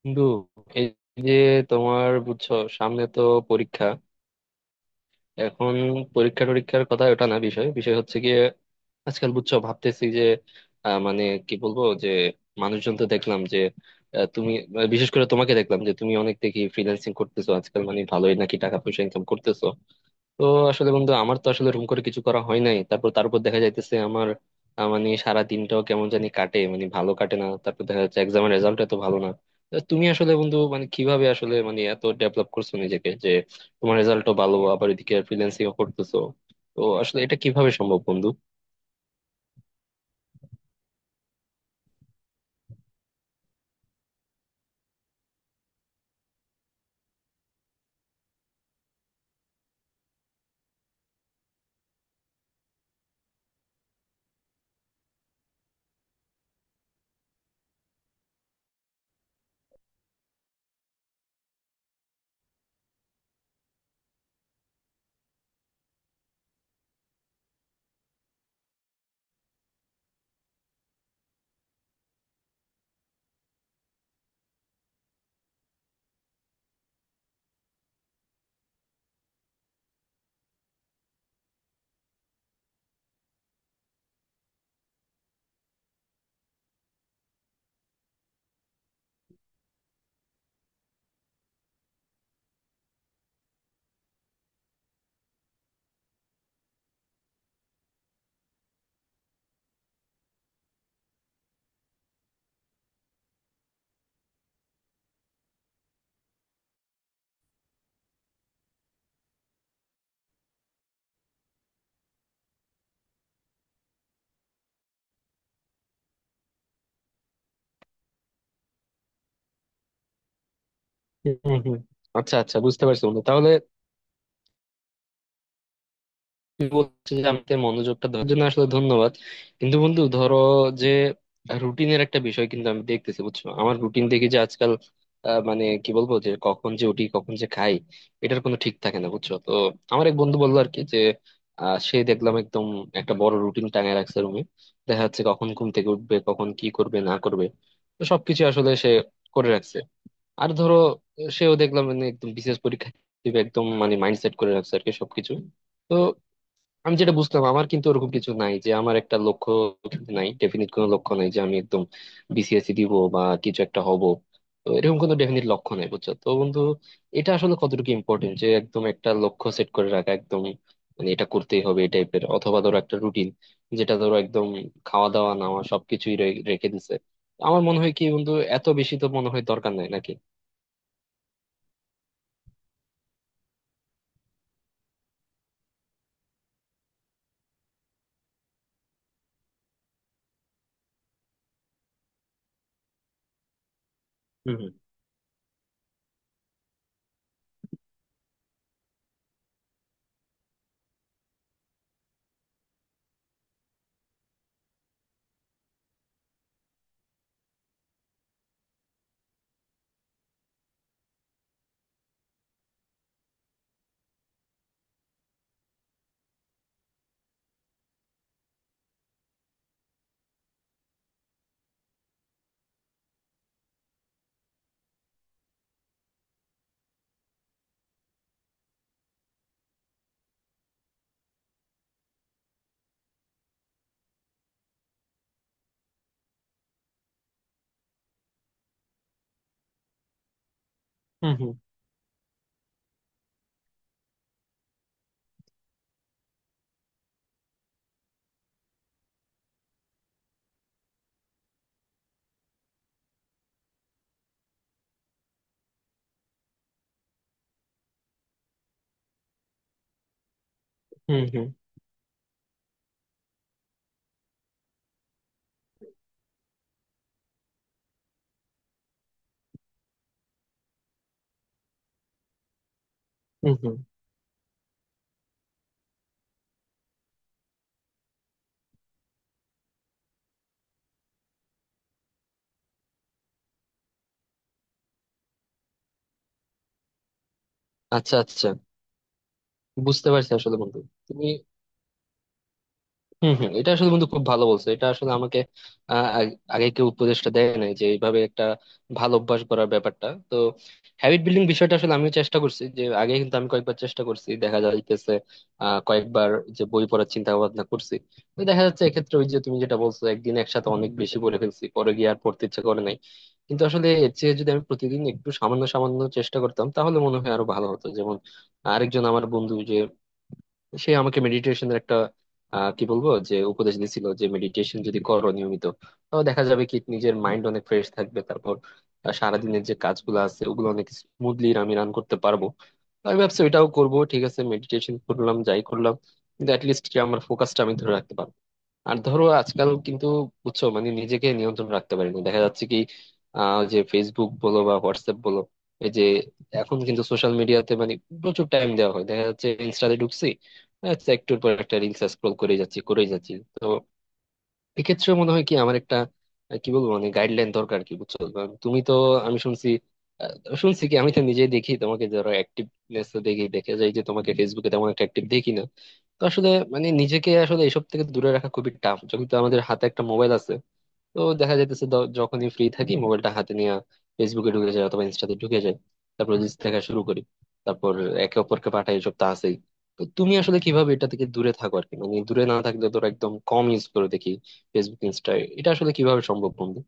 বন্ধু, এই যে তোমার বুঝছো সামনে তো পরীক্ষা। এখন পরীক্ষা কথা ওটা না, বিষয় বিষয় হচ্ছে গিয়ে আজকাল বুঝছো ভাবতেছি যে মানে কি বলবো যে মানুষজন তো দেখলাম যে, আহ, তুমি বিশেষ করে তোমাকে দেখলাম যে তুমি অনেক দেখি ফ্রিল্যান্সিং করতেছো আজকাল, মানে ভালোই নাকি টাকা পয়সা ইনকাম করতেছো। তো আসলে বন্ধু, আমার তো আসলে রুম করে কিছু করা হয় নাই। তারপর তারপর দেখা যাইতেছে আমার মানে সারা দিনটাও কেমন জানি কাটে, মানে ভালো কাটে না। তারপর দেখা যাচ্ছে এক্সামের রেজাল্ট এত ভালো না। তো তুমি আসলে বন্ধু মানে কিভাবে আসলে মানে এত ডেভেলপ করছো নিজেকে যে তোমার রেজাল্টও ভালো, আবার এদিকে ফ্রিল্যান্সিং করতেছো। তো আসলে এটা কিভাবে সম্ভব বন্ধু? হম হম। আচ্ছা আচ্ছা, বুঝতে পারছি বন্ধু। তাহলে বলছি যে আমাদের মনোযোগটা দেওয়ার জন্য আসলে ধন্যবাদ। কিন্তু বন্ধু ধরো যে রুটিনের একটা বিষয় কিন্তু আমি দেখতেছি, বুঝছো আমার রুটিন দেখি যে আজকাল মানে কি বলবো যে কখন যে উঠি, কখন যে খাই, এটার কোনো ঠিক থাকে না। বুঝছো তো, আমার এক বন্ধু বললো আর কি যে সে দেখলাম একদম একটা বড় রুটিন টাঙায় রাখছে রুমে। দেখা যাচ্ছে কখন ঘুম থেকে উঠবে, কখন কি করবে না করবে, তো সবকিছু আসলে সে করে রাখছে। আর ধরো, সেও দেখলাম মানে একদম বিশেষ পরীক্ষা দিবে, একদম মানে মাইন্ডসেট করে রাখছে আর কি সবকিছু। তো আমি যেটা বুঝলাম আমার কিন্তু ওরকম কিছু নাই, যে আমার একটা লক্ষ্য নাই, ডেফিনিট কোনো লক্ষ্য নাই যে আমি একদম বিসিএসসি দিব বা কিছু একটা হব। তো এরকম কোনো ডেফিনিট লক্ষ্য নাই, বুঝছো তো বন্ধু। এটা আসলে কতটুকু ইম্পর্টেন্ট যে একদম একটা লক্ষ্য সেট করে রাখা, একদম মানে এটা করতেই হবে এই টাইপের, অথবা ধরো একটা রুটিন যেটা ধরো একদম খাওয়া দাওয়া নেওয়া সবকিছুই রেখে দিছে। আমার মনে হয় কি বন্ধু, এত বেশি তো মনে হয় দরকার নাই নাকি? হুম হুম হুম হুম। হুম হুম হুম হুম। আচ্ছা আচ্ছা, বুঝতে পারছি আসলে বন্ধু। হম হম। এটা আসলে বন্ধু খুব ভালো বলছো। এটা আসলে আমাকে আগে কেউ উপদেশটা দেয় নাই যে এইভাবে একটা ভালো অভ্যাস করার ব্যাপারটা তো। হ্যাবিট বিল্ডিং বিষয়টা আসলে আমিও চেষ্টা করছি যে, আগে কিন্তু আমি কয়েকবার চেষ্টা করছি, দেখা যাইতেছে কয়েকবার যে বই পড়ার চিন্তা ভাবনা করছি। তো দেখা যাচ্ছে এক্ষেত্রে ওই যে তুমি যেটা বলছো, একদিন একসাথে অনেক বেশি পড়ে ফেলছি, পরে গিয়ে আর পড়তে ইচ্ছা করে নাই। কিন্তু আসলে এর চেয়ে যদি আমি প্রতিদিন একটু সামান্য সামান্য চেষ্টা করতাম, তাহলে মনে হয় আরো ভালো হতো। যেমন আরেকজন আমার বন্ধু যে, সে আমাকে মেডিটেশনের একটা কি বলবো যে উপদেশ দিছিল, যে মেডিটেশন যদি করো নিয়মিত, তাহলে দেখা যাবে কি নিজের মাইন্ড অনেক ফ্রেশ থাকবে, তারপর সারাদিনের যে কাজগুলো আছে ওগুলো অনেক স্মুথলি আমি রান করতে পারবো। তো আমি ভাবছি ওইটাও করবো। ঠিক আছে মেডিটেশন করলাম যাই করলাম, কিন্তু অ্যাটলিস্ট আমার ফোকাসটা আমি ধরে রাখতে পারবো। আর ধরো আজকাল কিন্তু বুঝছো মানে নিজেকে নিয়ন্ত্রণ রাখতে পারি না, দেখা যাচ্ছে কি ওই যে ফেসবুক বলো বা হোয়াটসঅ্যাপ বলো, এই যে এখন কিন্তু সোশ্যাল মিডিয়াতে মানে প্রচুর টাইম দেওয়া হয়। দেখা যাচ্ছে ইনস্টাতে ঢুকছি, আচ্ছা একটুর পর একটা রিলস স্ক্রল করে যাচ্ছি করে যাচ্ছি। তো এক্ষেত্রে মনে হয় কি আমার একটা কি বলবো মানে গাইডলাইন দরকার কি, বুঝছো? কারণ তুমি তো, আমি শুনছি শুনছি কি, আমি তো নিজেই দেখি তোমাকে, ধরো অ্যাক্টিভনেস তো দেখি, দেখে যাই যে তোমাকে ফেসবুকে তেমন একটা অ্যাক্টিভ দেখি না। তো আসলে মানে নিজেকে আসলে এসব থেকে দূরে রাখা খুবই টাফ, যখন তো আমাদের হাতে একটা মোবাইল আছে। তো দেখা যাইতেছে যখনই ফ্রি থাকি মোবাইলটা হাতে নিয়ে ফেসবুকে ঢুকে যায় অথবা ইনস্টাতে ঢুকে যায়, তারপর রিলস দেখা শুরু করি, তারপর একে অপরকে পাঠাই, এসব তো আছেই। তো তুমি আসলে কিভাবে এটা থেকে দূরে থাকো আর কি, মানে দূরে না থাকলে তোর একদম কম ইউজ করে দেখি ফেসবুক ইনস্টা। এটা আসলে কিভাবে সম্ভব বন্ধু?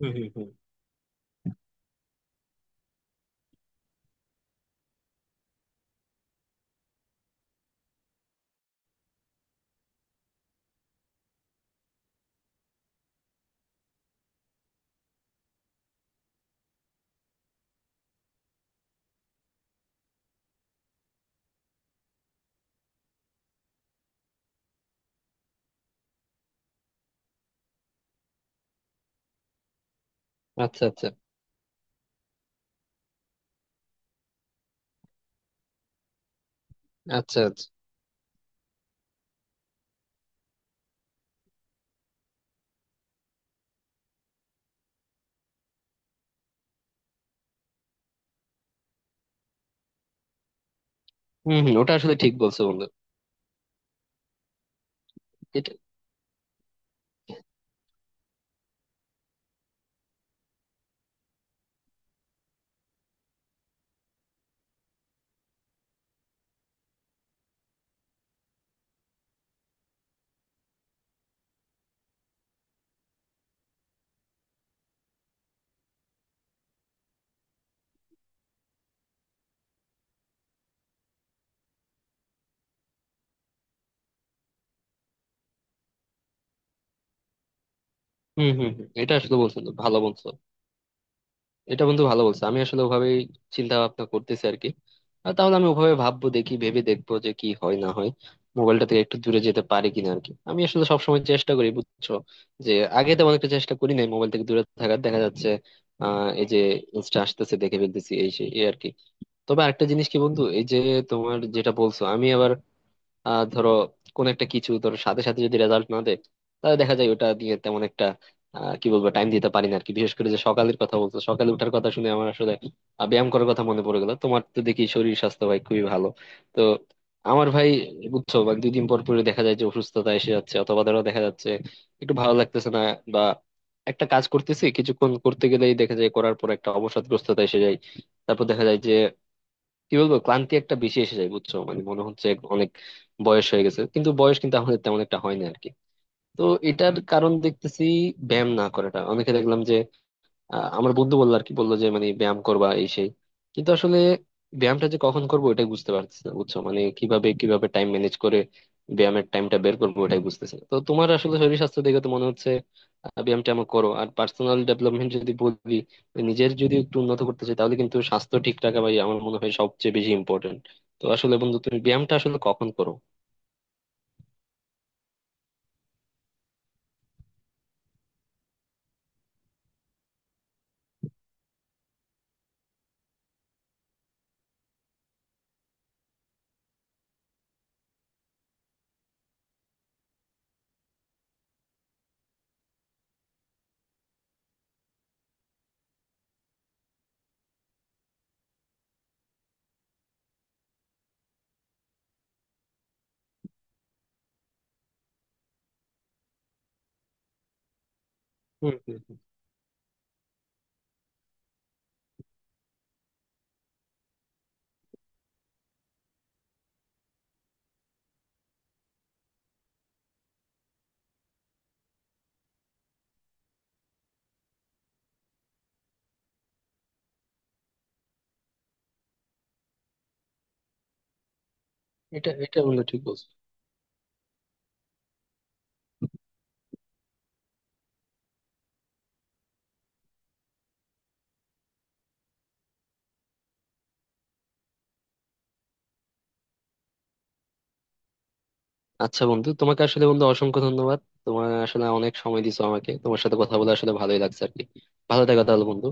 হুম হুম হুম। আচ্ছা আচ্ছা। আচ্ছা আচ্ছা। হম হম, ওটা আসলে ঠিক বলছো বন্ধু। এটা। হম হম হম, এটা আসলে বলছো, ভালো বলছো। এটা বন্ধু ভালো বলছো, আমি আসলে ওভাবেই চিন্তা ভাবনা করতেছি আর কি। আর তাহলে আমি ওভাবে ভাববো, দেখি ভেবে দেখবো যে কি হয় না হয়, মোবাইলটা থেকে একটু দূরে যেতে পারি কিনা আর কি। আমি আসলে সবসময় চেষ্টা করি বুঝছো যে, আগে তেমন একটা চেষ্টা করি নাই মোবাইল থেকে দূরে থাকার, দেখা যাচ্ছে এই যে ইনস্টা আসতেছে দেখে ফেলতেছি এই সেই এই আর কি। তবে আরেকটা জিনিস কি বন্ধু, এই যে তোমার যেটা বলছো, আমি আবার ধরো কোন একটা কিছু, ধরো সাথে সাথে যদি রেজাল্ট না দেয়, তাহলে দেখা যায় ওটা দিয়ে তেমন একটা কি বলবো টাইম দিতে পারি না আর কি। বিশেষ করে যে সকালের কথা বলতো, সকালে ওঠার কথা শুনে আমার আসলে ব্যায়াম করার কথা মনে পড়ে গেল। তোমার তো দেখি শরীর স্বাস্থ্য ভাই খুবই ভালো। তো আমার ভাই বুঝছো বা দুই দিন পর পরে দেখা যায় যে অসুস্থতা এসে যাচ্ছে, অথবা ধরো দেখা যাচ্ছে একটু ভালো লাগতেছে না, বা একটা কাজ করতেছি, কিছুক্ষণ করতে গেলেই দেখা যায় করার পর একটা অবসাদগ্রস্ততা এসে যায়। তারপর দেখা যায় যে কি বলবো, ক্লান্তি একটা বেশি এসে যায়, বুঝছো মানে মনে হচ্ছে অনেক বয়স হয়ে গেছে, কিন্তু বয়স কিন্তু আমাদের তেমন একটা হয় না আরকি। তো এটার কারণ দেখতেছি ব্যায়াম না করাটা। অনেকে দেখলাম যে আমার বন্ধু বললো আর কি, বললো যে মানে ব্যায়াম করবা এই সেই, কিন্তু আসলে ব্যায়ামটা যে কখন করবো এটাই বুঝতে পারতেছি না, বুঝছো মানে কিভাবে কিভাবে টাইম ম্যানেজ করে ব্যায়ামের টাইমটা বের করবো ওটাই বুঝতেছি না। তো তোমার আসলে শরীর স্বাস্থ্য দেখে তো মনে হচ্ছে ব্যায়ামটা আমার করো, আর পার্সোনাল ডেভেলপমেন্ট যদি বলি, নিজের যদি একটু উন্নত করতে চাই তাহলে কিন্তু স্বাস্থ্য ঠিক রাখা ভাই আমার মনে হয় সবচেয়ে বেশি ইম্পর্টেন্ট। তো আসলে বন্ধু তুমি ব্যায়ামটা আসলে কখন করো? হম হম হম। এটা এটা বন্ধু ঠিক বলছো। আচ্ছা বন্ধু, তোমাকে আসলে বন্ধু অসংখ্য ধন্যবাদ। তোমার আসলে অনেক সময় দিছো আমাকে, তোমার সাথে কথা বলে আসলে ভালোই লাগছে আর কি। ভালো থাকো তাহলে বন্ধু।